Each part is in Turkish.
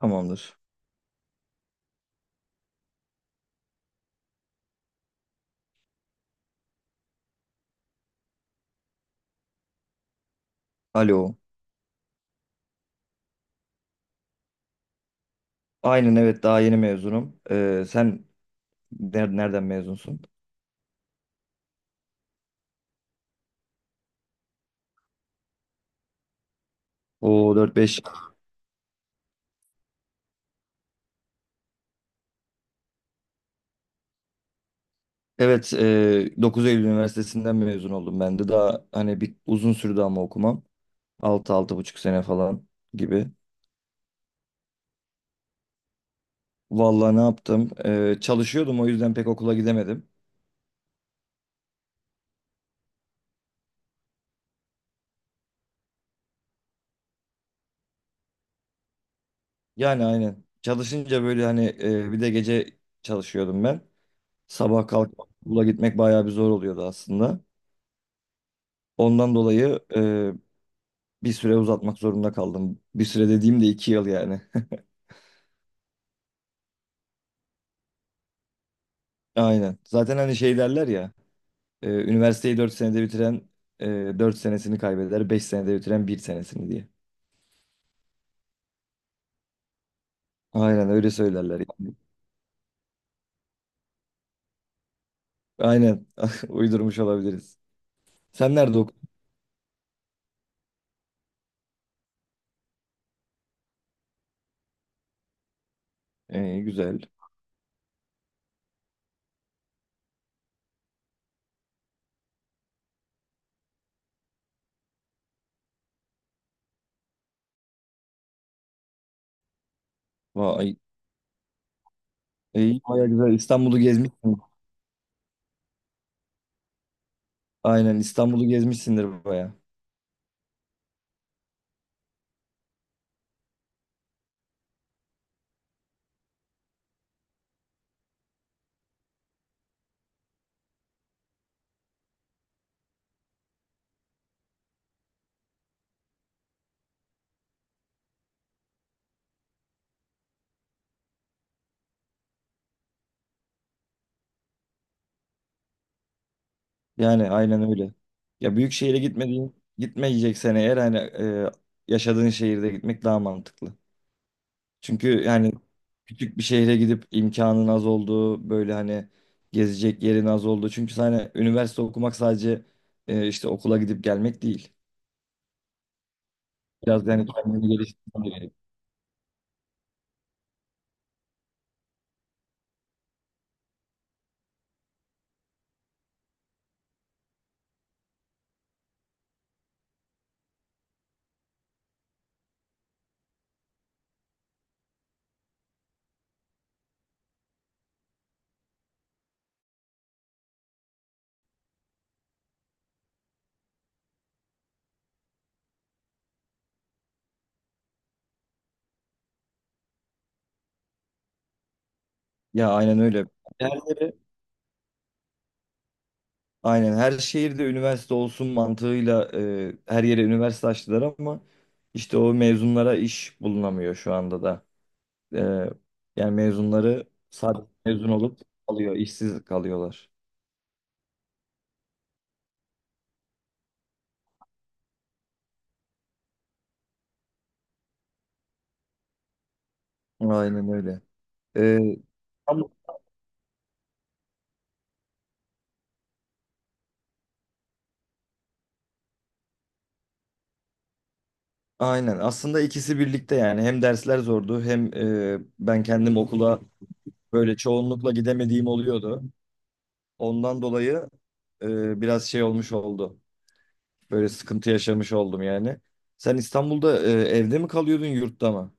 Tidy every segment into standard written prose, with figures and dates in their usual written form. Tamamdır. Alo. Aynen evet daha yeni mezunum. Sen nereden mezunsun? O dört beş. Evet Dokuz Eylül Üniversitesi'nden mezun oldum ben de. Daha hani bir uzun sürdü ama okumam. Altı altı buçuk sene falan gibi. Vallahi ne yaptım? Çalışıyordum o yüzden pek okula gidemedim. Yani aynen. Çalışınca böyle hani bir de gece çalışıyordum ben. Sabah kalkıp okula gitmek bayağı bir zor oluyordu aslında. Ondan dolayı bir süre uzatmak zorunda kaldım. Bir süre dediğim de 2 yıl yani. Aynen. Zaten hani şey derler ya. Üniversiteyi 4 senede bitiren e, 4 senesini kaybeder, 5 senede bitiren bir senesini diye. Aynen öyle söylerler, yani. Aynen. Uydurmuş olabiliriz. Sen nerede okudun? Güzel. Vay. İyi, baya güzel. İstanbul'u gezmişsin. Aynen İstanbul'u gezmişsindir baya. Yani aynen öyle. Ya büyük şehire gitmediğin, gitmeyeceksen eğer hani yaşadığın şehirde gitmek daha mantıklı. Çünkü yani küçük bir şehre gidip imkanın az olduğu böyle hani gezecek yerin az olduğu. Çünkü hani üniversite okumak sadece işte okula gidip gelmek değil. Biraz yani kendini geliştirmen gerek. Ya aynen öyle. Her yere, aynen her şehirde üniversite olsun mantığıyla her yere üniversite açtılar ama işte o mezunlara iş bulunamıyor şu anda da. E, yani mezunları sadece mezun olup kalıyor, işsiz kalıyorlar. Aynen öyle. E, Aynen. Aslında ikisi birlikte yani hem dersler zordu hem ben kendim okula böyle çoğunlukla gidemediğim oluyordu. Ondan dolayı biraz şey olmuş oldu. Böyle sıkıntı yaşamış oldum yani. Sen İstanbul'da evde mi kalıyordun yurtta mı?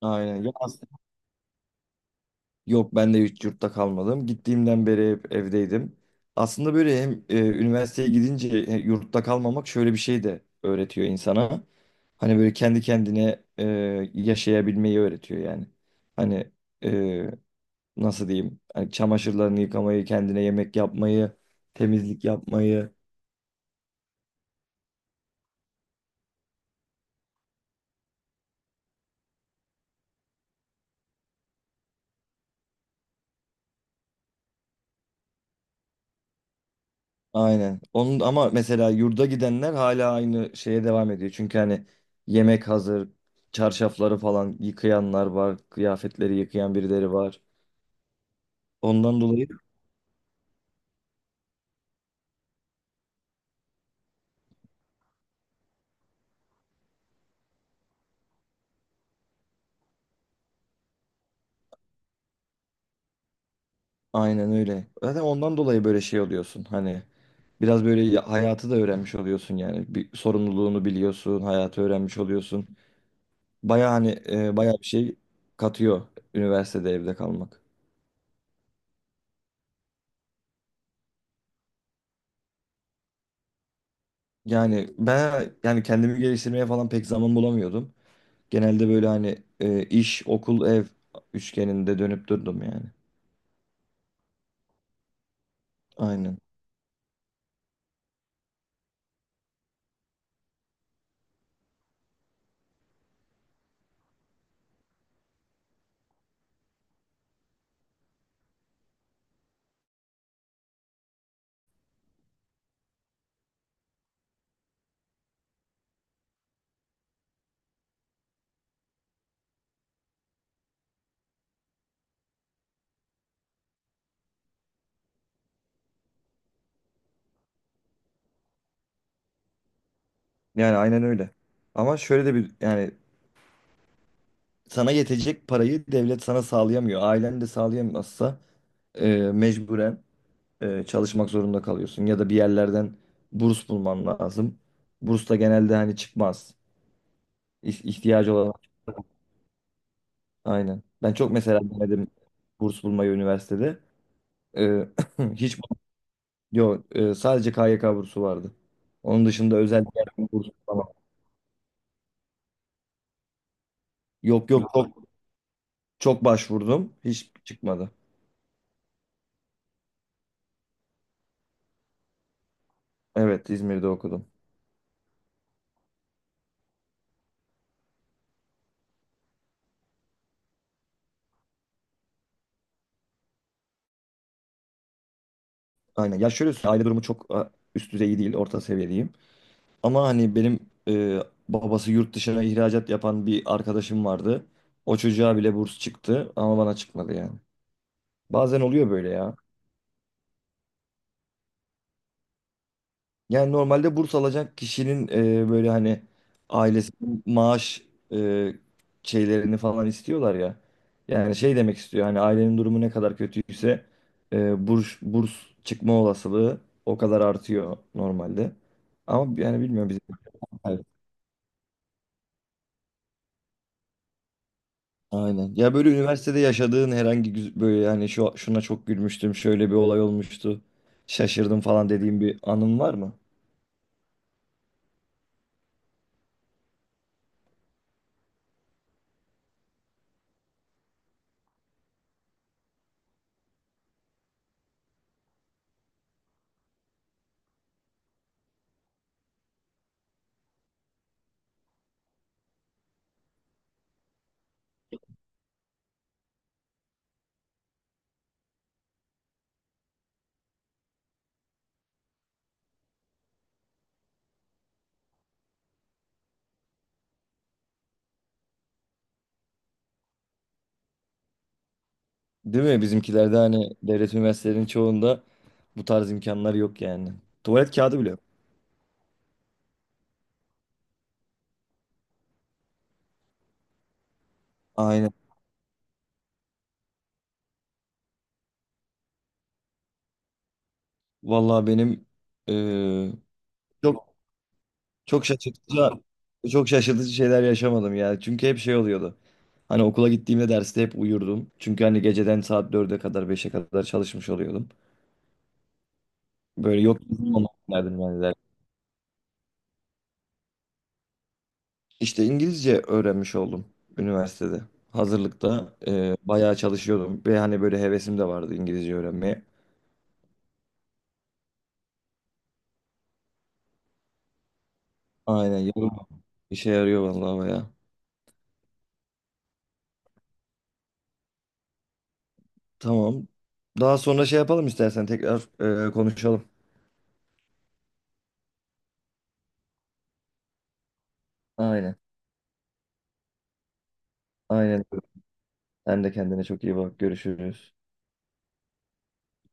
Aynen. Yok ben de hiç yurtta kalmadım. Gittiğimden beri hep evdeydim. Aslında böyle hem üniversiteye gidince yurtta kalmamak şöyle bir şey de öğretiyor insana. Hani böyle kendi kendine yaşayabilmeyi öğretiyor yani. Hani e, nasıl diyeyim? Hani çamaşırlarını yıkamayı, kendine yemek yapmayı, temizlik yapmayı. Aynen. Onun ama mesela yurda gidenler hala aynı şeye devam ediyor. Çünkü hani yemek hazır, çarşafları falan yıkayanlar var, kıyafetleri yıkayan birileri var. Ondan dolayı. Aynen öyle. Zaten ondan dolayı böyle şey oluyorsun. Hani biraz böyle hayatı da öğrenmiş oluyorsun yani. Bir sorumluluğunu biliyorsun, hayatı öğrenmiş oluyorsun. Baya hani baya bir şey katıyor üniversitede evde kalmak. Yani ben yani kendimi geliştirmeye falan pek zaman bulamıyordum. Genelde böyle hani iş, okul, ev üçgeninde dönüp durdum yani. Aynen. Yani aynen öyle. Ama şöyle de bir yani sana yetecek parayı devlet sana sağlayamıyor. Ailen de sağlayamazsa mecburen çalışmak zorunda kalıyorsun. Ya da bir yerlerden burs bulman lazım. Burs da genelde hani çıkmaz. İh- ihtiyacı olan aynen. Ben çok mesela denedim burs bulmayı üniversitede. E, Hiç yok, sadece KYK bursu vardı. Onun dışında özel bir yerden burs bulamam. Yok yok çok çok başvurdum. Hiç çıkmadı. Evet İzmir'de okudum. Aynen. Ya şöyle söyleyeyim, aile durumu çok üst düzey değil, orta seviye diyeyim. Ama hani benim e, babası yurt dışına ihracat yapan bir arkadaşım vardı. O çocuğa bile burs çıktı ama bana çıkmadı yani. Bazen oluyor böyle ya. Yani normalde burs alacak kişinin böyle hani ailesi maaş e, şeylerini falan istiyorlar ya. Yani şey demek istiyor hani ailenin durumu ne kadar kötüyse burs çıkma olasılığı o kadar artıyor normalde. Ama yani bilmiyorum bizim. Aynen. Ya böyle üniversitede yaşadığın herhangi böyle yani şuna çok gülmüştüm, şöyle bir olay olmuştu. Şaşırdım falan dediğim bir anın var mı? Değil mi? Bizimkilerde hani devlet üniversitelerinin çoğunda bu tarz imkanlar yok yani. Tuvalet kağıdı bile yok. Aynen. Vallahi benim eee, çok çok şaşırtıcı çok şaşırtıcı şeyler yaşamadım ya. Çünkü hep şey oluyordu. Hani okula gittiğimde derste hep uyurdum. Çünkü hani geceden saat dörde kadar beşe kadar çalışmış oluyordum. Böyle yok derdim yani. İşte İngilizce öğrenmiş oldum üniversitede. Hazırlıkta bayağı çalışıyordum ve hani böyle hevesim de vardı İngilizce öğrenmeye. Aynen yavrum işe yarıyor vallahi bayağı. Tamam. Daha sonra şey yapalım istersen tekrar konuşalım. Aynen. Aynen. Sen de kendine çok iyi bak. Görüşürüz.